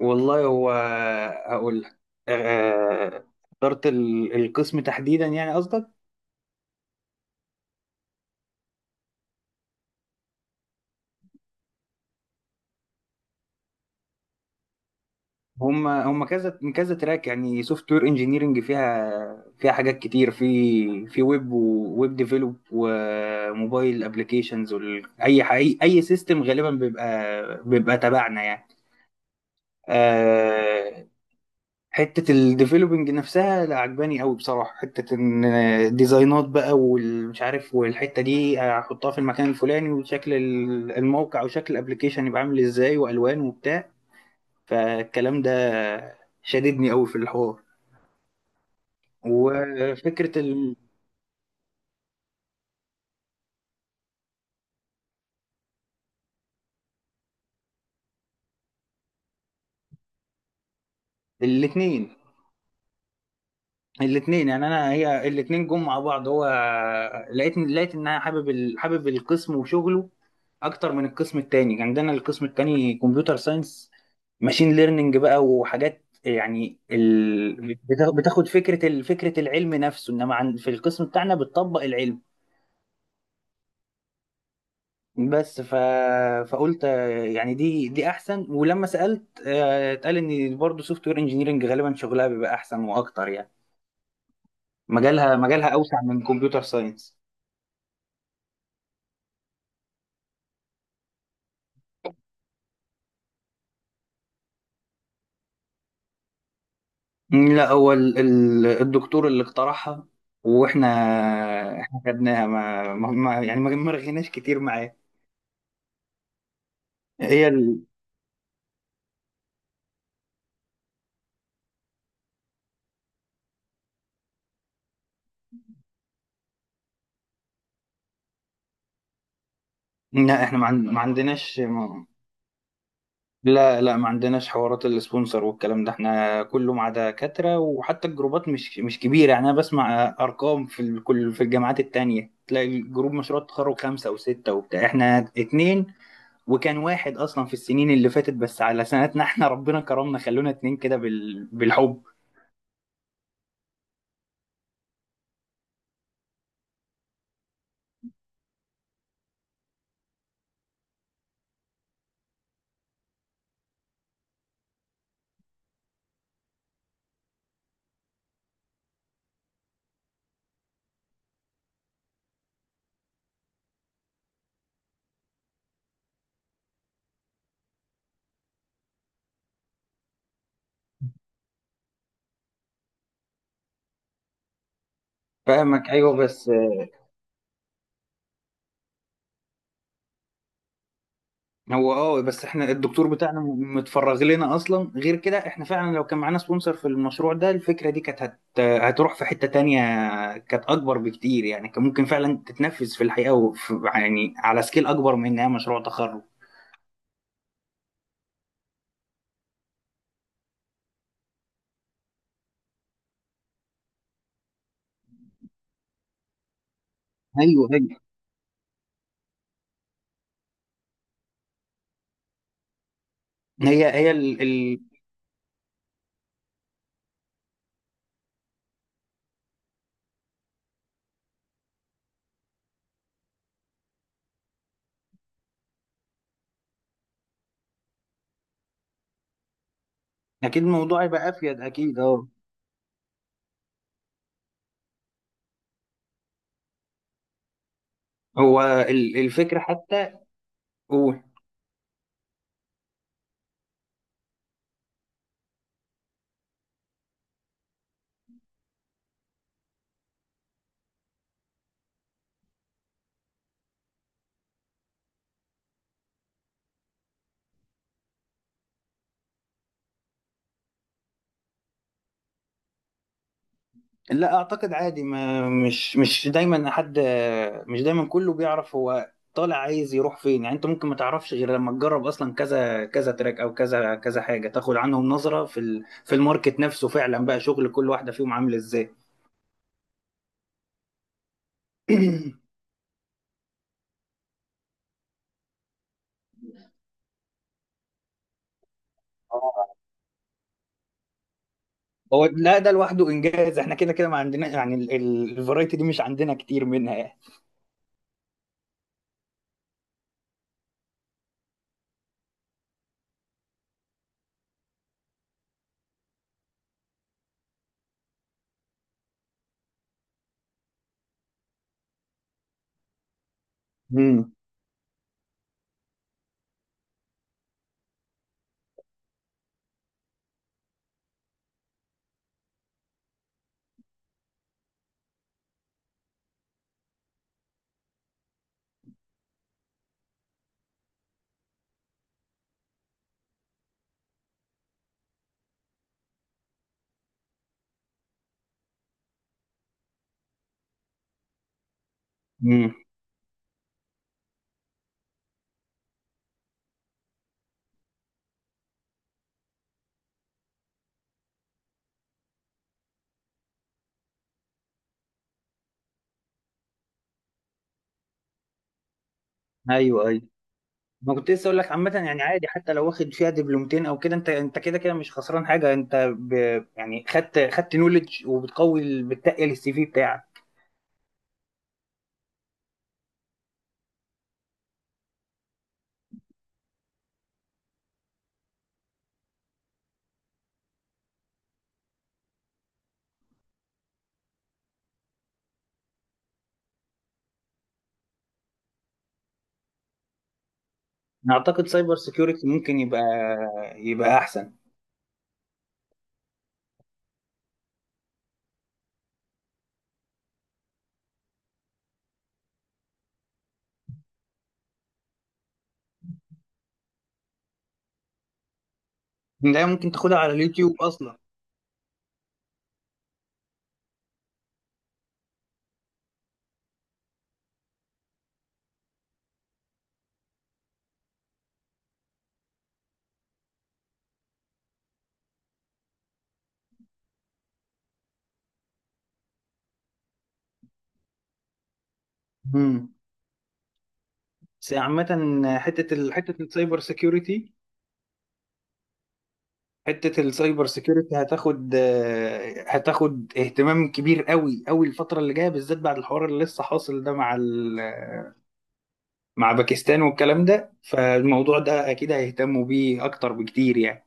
والله، هو هقول لك. آه، اخترت القسم تحديدا، يعني قصدك. هم هم كذا من كذا تراك، يعني سوفت وير انجينيرنج فيها حاجات كتير، في ويب، وويب ديفلوب، وموبايل ابلكيشنز. اي اي سيستم غالبا بيبقى تبعنا يعني. آه، حتة الديفلوبينج نفسها لا عجباني قوي بصراحة، حتة ان الديزاينات بقى والمش عارف، والحتة دي هحطها في المكان الفلاني، وشكل الموقع وشكل الابليكيشن يبقى عامل ازاي، والوان وبتاع. فالكلام ده شددني قوي في الحوار. وفكرة الاتنين الاثنين، يعني انا، هي الاثنين جم مع بعض. هو لقيت ان انا حابب حابب القسم وشغله اكتر من القسم التاني. يعني عندنا القسم التاني كمبيوتر ساينس، ماشين ليرنينج بقى وحاجات. يعني بتاخد فكرة فكرة العلم نفسه، انما في القسم بتاعنا بتطبق العلم. بس ف... فقلت، يعني دي احسن. ولما سألت، اتقال ان برضه سوفت وير انجينيرنج غالبا شغلها بيبقى احسن واكتر، يعني مجالها اوسع من كمبيوتر ساينس. لا، هو الدكتور اللي اقترحها، واحنا خدناها. يعني ما رغيناش كتير معاه. هي ال... لا احنا ما عندناش ما... لا، لا، ما عندناش حوارات السبونسر والكلام ده. احنا كله مع دكاترة، وحتى الجروبات مش كبيرة. يعني انا بسمع ارقام كل في الجامعات التانية تلاقي الجروب مشروع التخرج خمسة وستة وبتاع. احنا اتنين، وكان واحد اصلا في السنين اللي فاتت. بس على سنتنا احنا ربنا كرمنا، خلونا اتنين كده بالحب. فاهمك، ايوه. بس هو، اه، بس احنا الدكتور بتاعنا متفرغ لنا اصلا. غير كده، احنا فعلا لو كان معانا سبونسر في المشروع ده، الفكره دي كانت هتروح في حته تانية. كانت اكبر بكتير، يعني كان ممكن فعلا تتنفذ في الحقيقه، وفي يعني على سكيل اكبر من انها مشروع تخرج. ايوه ايوه. هي هي ال... ال... اكيد الموضوع يبقى افيد، اكيد، اه. هو الفكره حتى. لا، اعتقد عادي. ما مش دايما حد، مش دايما كله بيعرف هو طالع عايز يروح فين. يعني انت ممكن ما تعرفش غير لما تجرب اصلا كذا كذا تراك او كذا كذا حاجه، تاخد عنهم نظره في في الماركت نفسه، فعلا بقى شغل كل واحده فيهم عامل ازاي. هو لا، ده لوحده انجاز. احنا كده كده ما عندنا، يعني الفرايتي دي مش عندنا كتير منها يعني. امم. امم. ايوه ايوه، ما كنت لسه اقول لك. عامه يعني عادي حتى لو واخد فيها دبلومتين او كده، انت كده كده مش خسران حاجه. يعني خدت نولج، وبتقوي بتقل السي في بتاعك. اعتقد سايبر سيكيورتي ممكن يبقى احسن. لا، ممكن تاخدها على اليوتيوب اصلا. امم. بس عامه، حته السايبر سيكيورتي هتاخد، اهتمام كبير قوي قوي الفتره اللي جايه، بالذات بعد الحوار اللي لسه حاصل ده مع مع باكستان والكلام ده. فالموضوع ده اكيد هيهتموا بيه اكتر بكتير يعني.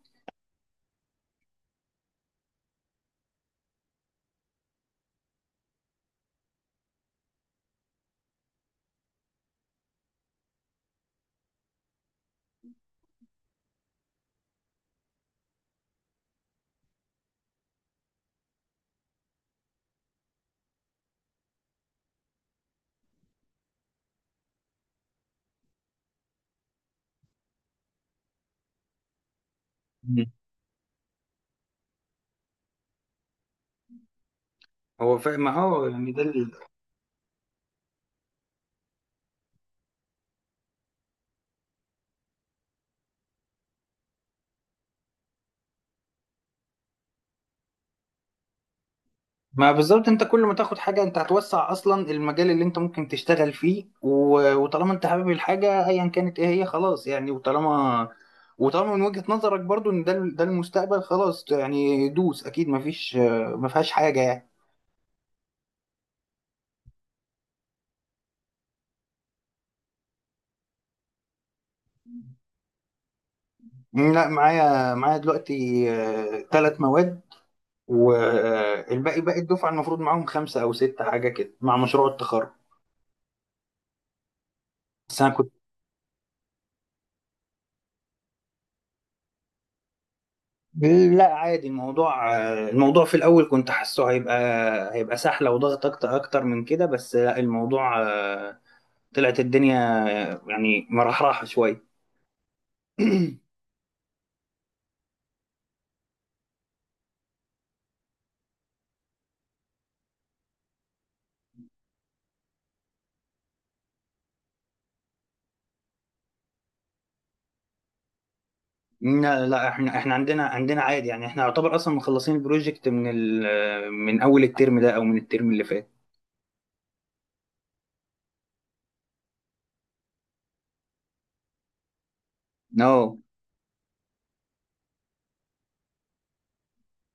مم. هو، فاهم، اه. يعني ده ما بالظبط، انت كل ما تاخد حاجه انت هتوسع اصلا المجال اللي انت ممكن تشتغل فيه. وطالما انت حابب الحاجه، ايا كانت ايه هي، خلاص يعني. وطالما من وجهه نظرك برضو ان ده ده المستقبل، خلاص يعني، دوس، اكيد ما فيهاش حاجه يعني. لا، معايا دلوقتي ثلاث مواد، باقي الدفعة المفروض معاهم خمسة أو ستة حاجة كده مع مشروع التخرج. بس أنا كنت لا، عادي، الموضوع، الموضوع في الأول كنت حاسه هيبقى سحلة وضغط أكتر أكتر من كده. بس لا، الموضوع، طلعت الدنيا، يعني مرحرحة شوية. لا لا، احنا عندنا عادي يعني. احنا يعتبر اصلا مخلصين البروجكت من من اول الترم ده او من الترم اللي فات. No.